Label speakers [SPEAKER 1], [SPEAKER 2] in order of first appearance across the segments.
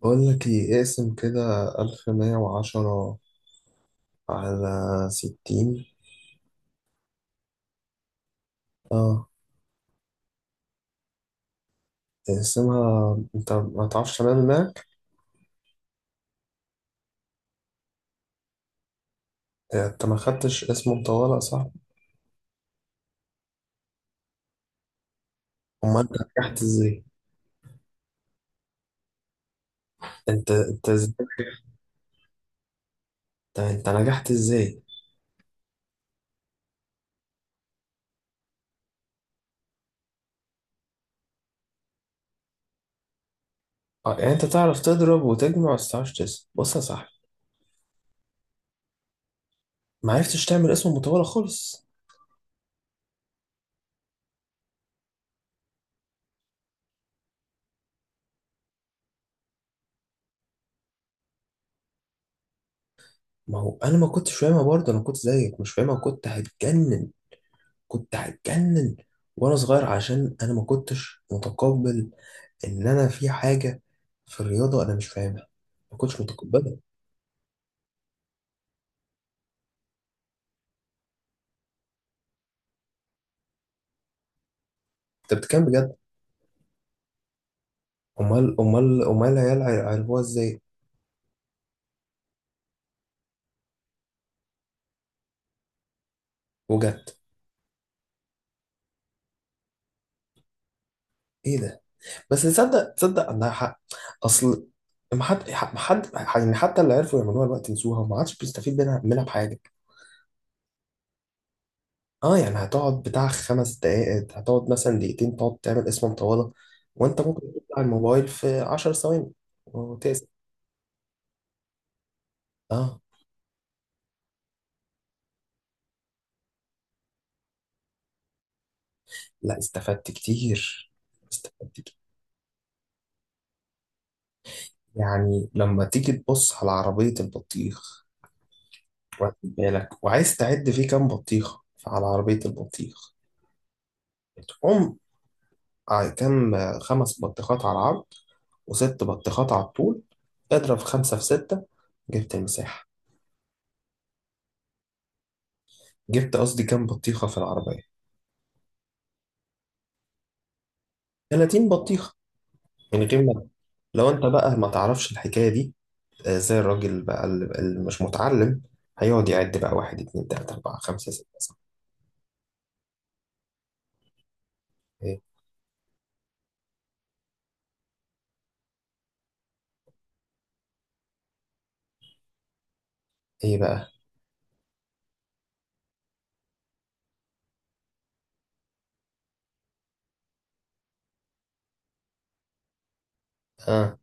[SPEAKER 1] بقول لك ايه، اقسم كده. 1110 على 60. اه، اقسمها انت ما تعرفش. تمام هناك. انت ما خدتش اسم مطولة؟ صح. امال انت نجحت ازاي؟ انت ازاي؟ انت نجحت ازاي؟ اه، يعني انت تعرف تضرب وتجمع بس متعرفش تقسم. بص يا صاحبي، ما عرفتش تعمل اسم مطولة خالص. ما هو انا ما كنتش فاهمها برضه، انا كنت زيك مش فاهمها، كنت هتجنن. كنت هتجنن وانا صغير عشان انا ما كنتش متقبل ان انا في حاجه في الرياضه انا مش فاهمها. ما كنتش متقبلها. انت بتتكلم بجد؟ امال العيال عرفوها ازاي؟ وجد؟ ايه ده؟ بس تصدق، تصدق عندها حق. اصل ما حد يعني، حتى اللي عرفوا يعملوها الوقت نسوها وما عادش بيستفيد منها بحاجه. اه، يعني هتقعد بتاع 5 دقائق، هتقعد مثلا دقيقتين تقعد تعمل اسم مطوله، وانت ممكن تطلع الموبايل في 10 ثواني وتقسم. اه، لا استفدت كتير. استفدت، يعني لما تيجي تبص على عربية البطيخ، واخد بالك، وعايز تعد فيه كام بطيخة. فعلى عربية البطيخ تقوم كام؟ خمس بطيخات على العرض وست بطيخات على الطول. اضرب خمسة في ستة، جبت المساحة. جبت قصدي كام بطيخة في العربية. 30 بطيخة. من غير ما لو انت بقى ما تعرفش الحكاية دي، زي الراجل بقى اللي مش متعلم، هيقعد يعد بقى: واحد، اتنين، تلاتة، أربعة، خمسة، ستة، سبعة. ايه؟ إيه بقى؟ آه.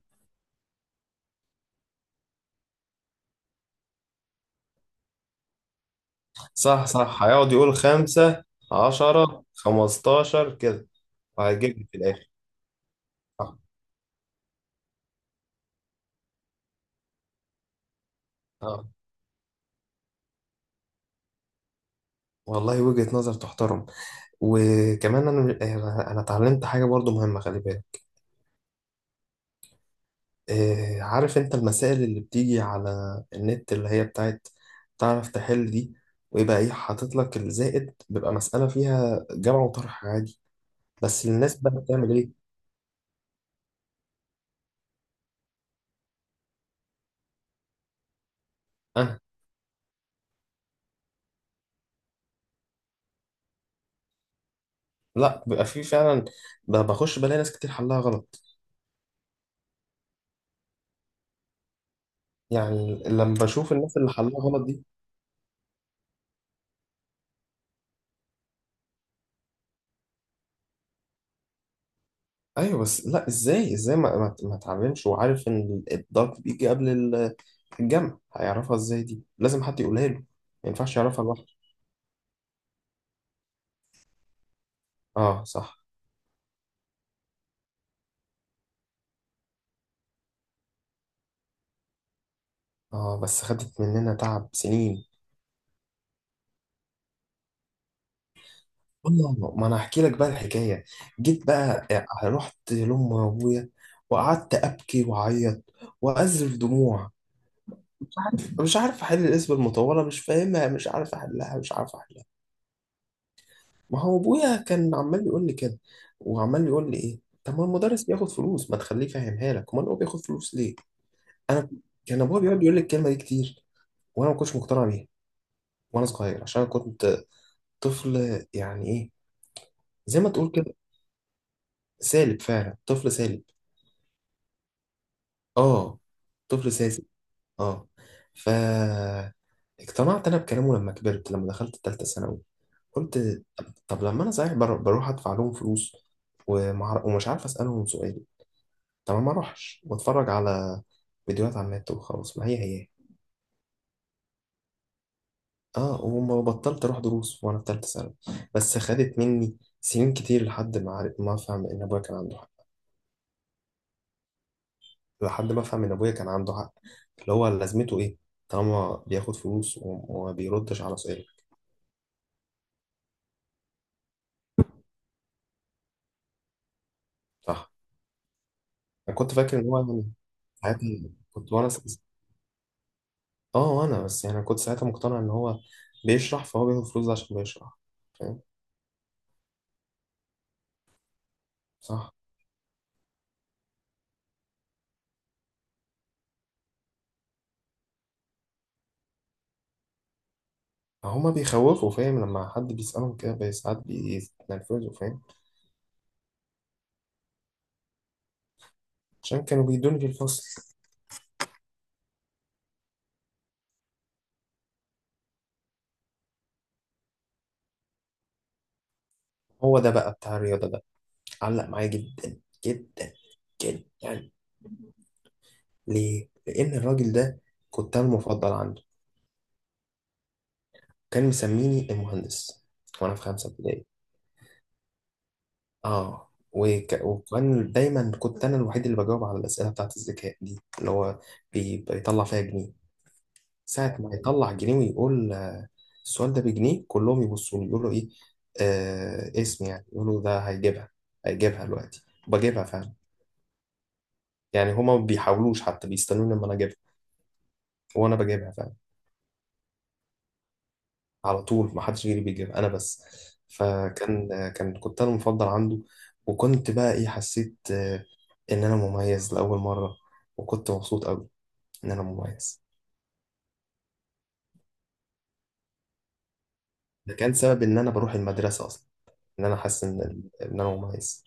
[SPEAKER 1] صح، صح، هيقعد يقول: خمسة، 10، 15، كده. وهيجيب لي في الآخر. صح. اه، والله وجهة نظر تحترم. وكمان أنا اتعلمت حاجة برضو مهمة، خلي بالك. عارف أنت المسائل اللي بتيجي على النت اللي هي بتاعت تعرف تحل دي؟ ويبقى إيه حاطط لك الزائد، بيبقى مسألة فيها جمع وطرح عادي. بس الناس بقى بتعمل إيه؟ أنا. لا، بيبقى في فعلا، بخش بلاقي ناس كتير حلها غلط. يعني لما بشوف الناس اللي حلها غلط دي، ايوه بس لا، ازاي، ازاي ما اتعلمش، وعارف ان الضغط بيجي قبل الجمع، هيعرفها ازاي؟ دي لازم حد يقولها له، ما ينفعش يعرفها لوحده. اه صح. اه، بس خدت مننا تعب سنين. والله ما، انا احكي لك بقى الحكايه. جيت بقى، رحت لام ابويا، وقعدت ابكي واعيط واذرف دموع. مش عارف احل الاسم المطوله، مش فاهمها، مش عارف احلها، مش عارف. ما هو ابويا كان عمال بيقول لي كده، وعمال بيقول لي: ايه، طب ما المدرس بياخد فلوس، ما تخليه يفهمها لك؟ امال هو بياخد فلوس ليه؟ انا. كان ابويا بيقعد يقول لي الكلمه دي كتير، وانا ما كنتش مقتنع بيها وانا صغير، عشان أنا كنت طفل يعني، ايه زي ما تقول كده، سالب فعلا، طفل سالب. اه، طفل ساذج. اه، ف اقتنعت انا بكلامه لما كبرت، لما دخلت تالتة ثانوي. قلت، طب لما انا صحيح بروح ادفع لهم فلوس ومش عارف اسالهم سؤال، تمام، ما اروحش، بتفرج على فيديوهات على النت وخلاص، ما هي. اه، وما بطلت اروح دروس وانا في ثالثه ثانوي. بس خدت مني سنين كتير لحد ما عارف، ما افهم ان ابويا كان عنده حق. لحد ما افهم ان ابويا كان عنده حق، اللي هو لازمته ايه طالما بياخد فلوس وما بيردش على سؤال. صح. انا كنت فاكر ان هو يعني ساعتها. كنت وانا س- اه انا بس يعني كنت ساعتها مقتنع ان هو بيشرح، فهو بياخد فلوس عشان بيشرح. فاهم. صح. هما بيخوفوا فاهم، لما حد بيسألهم كده ساعات بيتنرفزوا فاهم. عشان كانوا بيدوني في الفصل. هو ده بقى بتاع الرياضة ده علق معايا جدا جدا جدا يعني. ليه؟ لأن الراجل ده كنت أنا المفضل عنده. كان مسميني المهندس وأنا في خمسة ابتدائي. آه، وكان دايما كنت أنا الوحيد اللي بجاوب على الأسئلة بتاعت الذكاء دي، اللي هو بيطلع فيها جنيه. ساعة ما يطلع جنيه ويقول: السؤال ده بجنيه. كلهم يبصوا لي يقولوا: إيه، آه اسم يعني، يقولوا ده هيجيبها، هيجيبها دلوقتي. بجيبها فعلا. يعني هما ما بيحاولوش، حتى بيستنوني لما أنا أجيبها، وأنا بجيبها فعلا. على طول ما حدش غيري بيجيبها، أنا بس. فكان آه، كان كنت أنا المفضل عنده. وكنت بقى إيه، حسيت إن أنا مميز لأول مرة. وكنت مبسوط أوي إن أنا مميز. ده كان سبب إن أنا بروح المدرسة أصلا، إن أنا حاسس إن أنا مميز.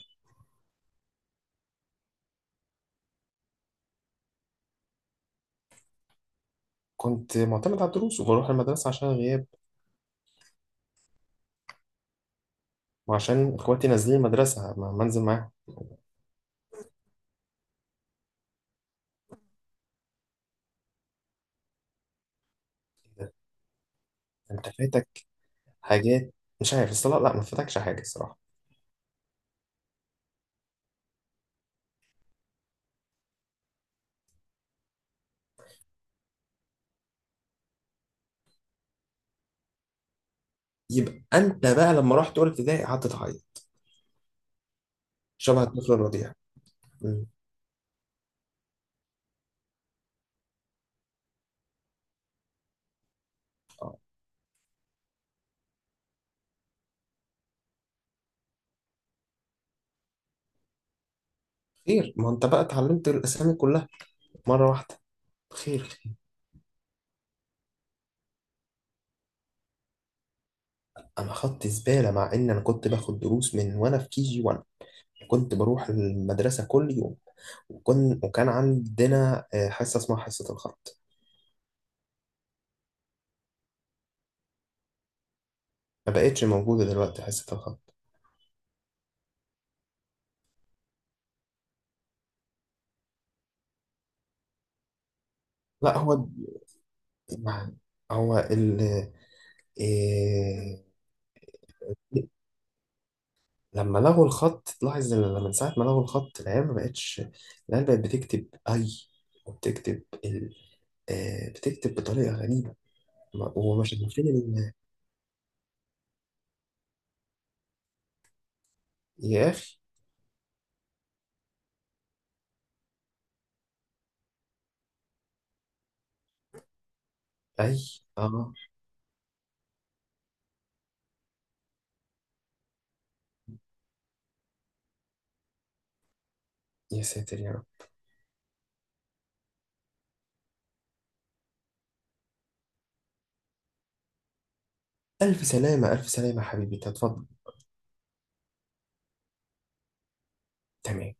[SPEAKER 1] كنت معتمد على الدروس وبروح المدرسة عشان الغياب، وعشان إخواتي نازلين المدرسة، ما منزل معاهم. كده. أنت فاتك حاجات، مش عارف الصلاة. لا، ما فاتكش حاجة الصراحة. يبقى أنت بقى لما رحت أولى ابتدائي قعدت تعيط شبه الطفل الرضيع. أمم. آه. خير. ما أنت بقى اتعلمت الأسامي كلها مرة واحدة. خير، خير. أنا خدت زبالة، مع إن أنا كنت باخد دروس من وأنا في كي جي 1. كنت بروح المدرسة كل يوم، وكان عندنا حصة اسمها حصة الخط. ما بقتش موجودة دلوقتي حصة الخط. لا هو ما هو ال إيه لما لغوا الخط لاحظ ان، لما من ساعة ما لغوا الخط، العيال ما بقتش العيال بقت بتكتب أي وبتكتب ال آه بتكتب بطريقة غريبة. ومش عارفين يا أخي. أي أه. يا ساتر يا رب. ألف سلامة، ألف سلامة يا حبيبي، تفضل. تمام.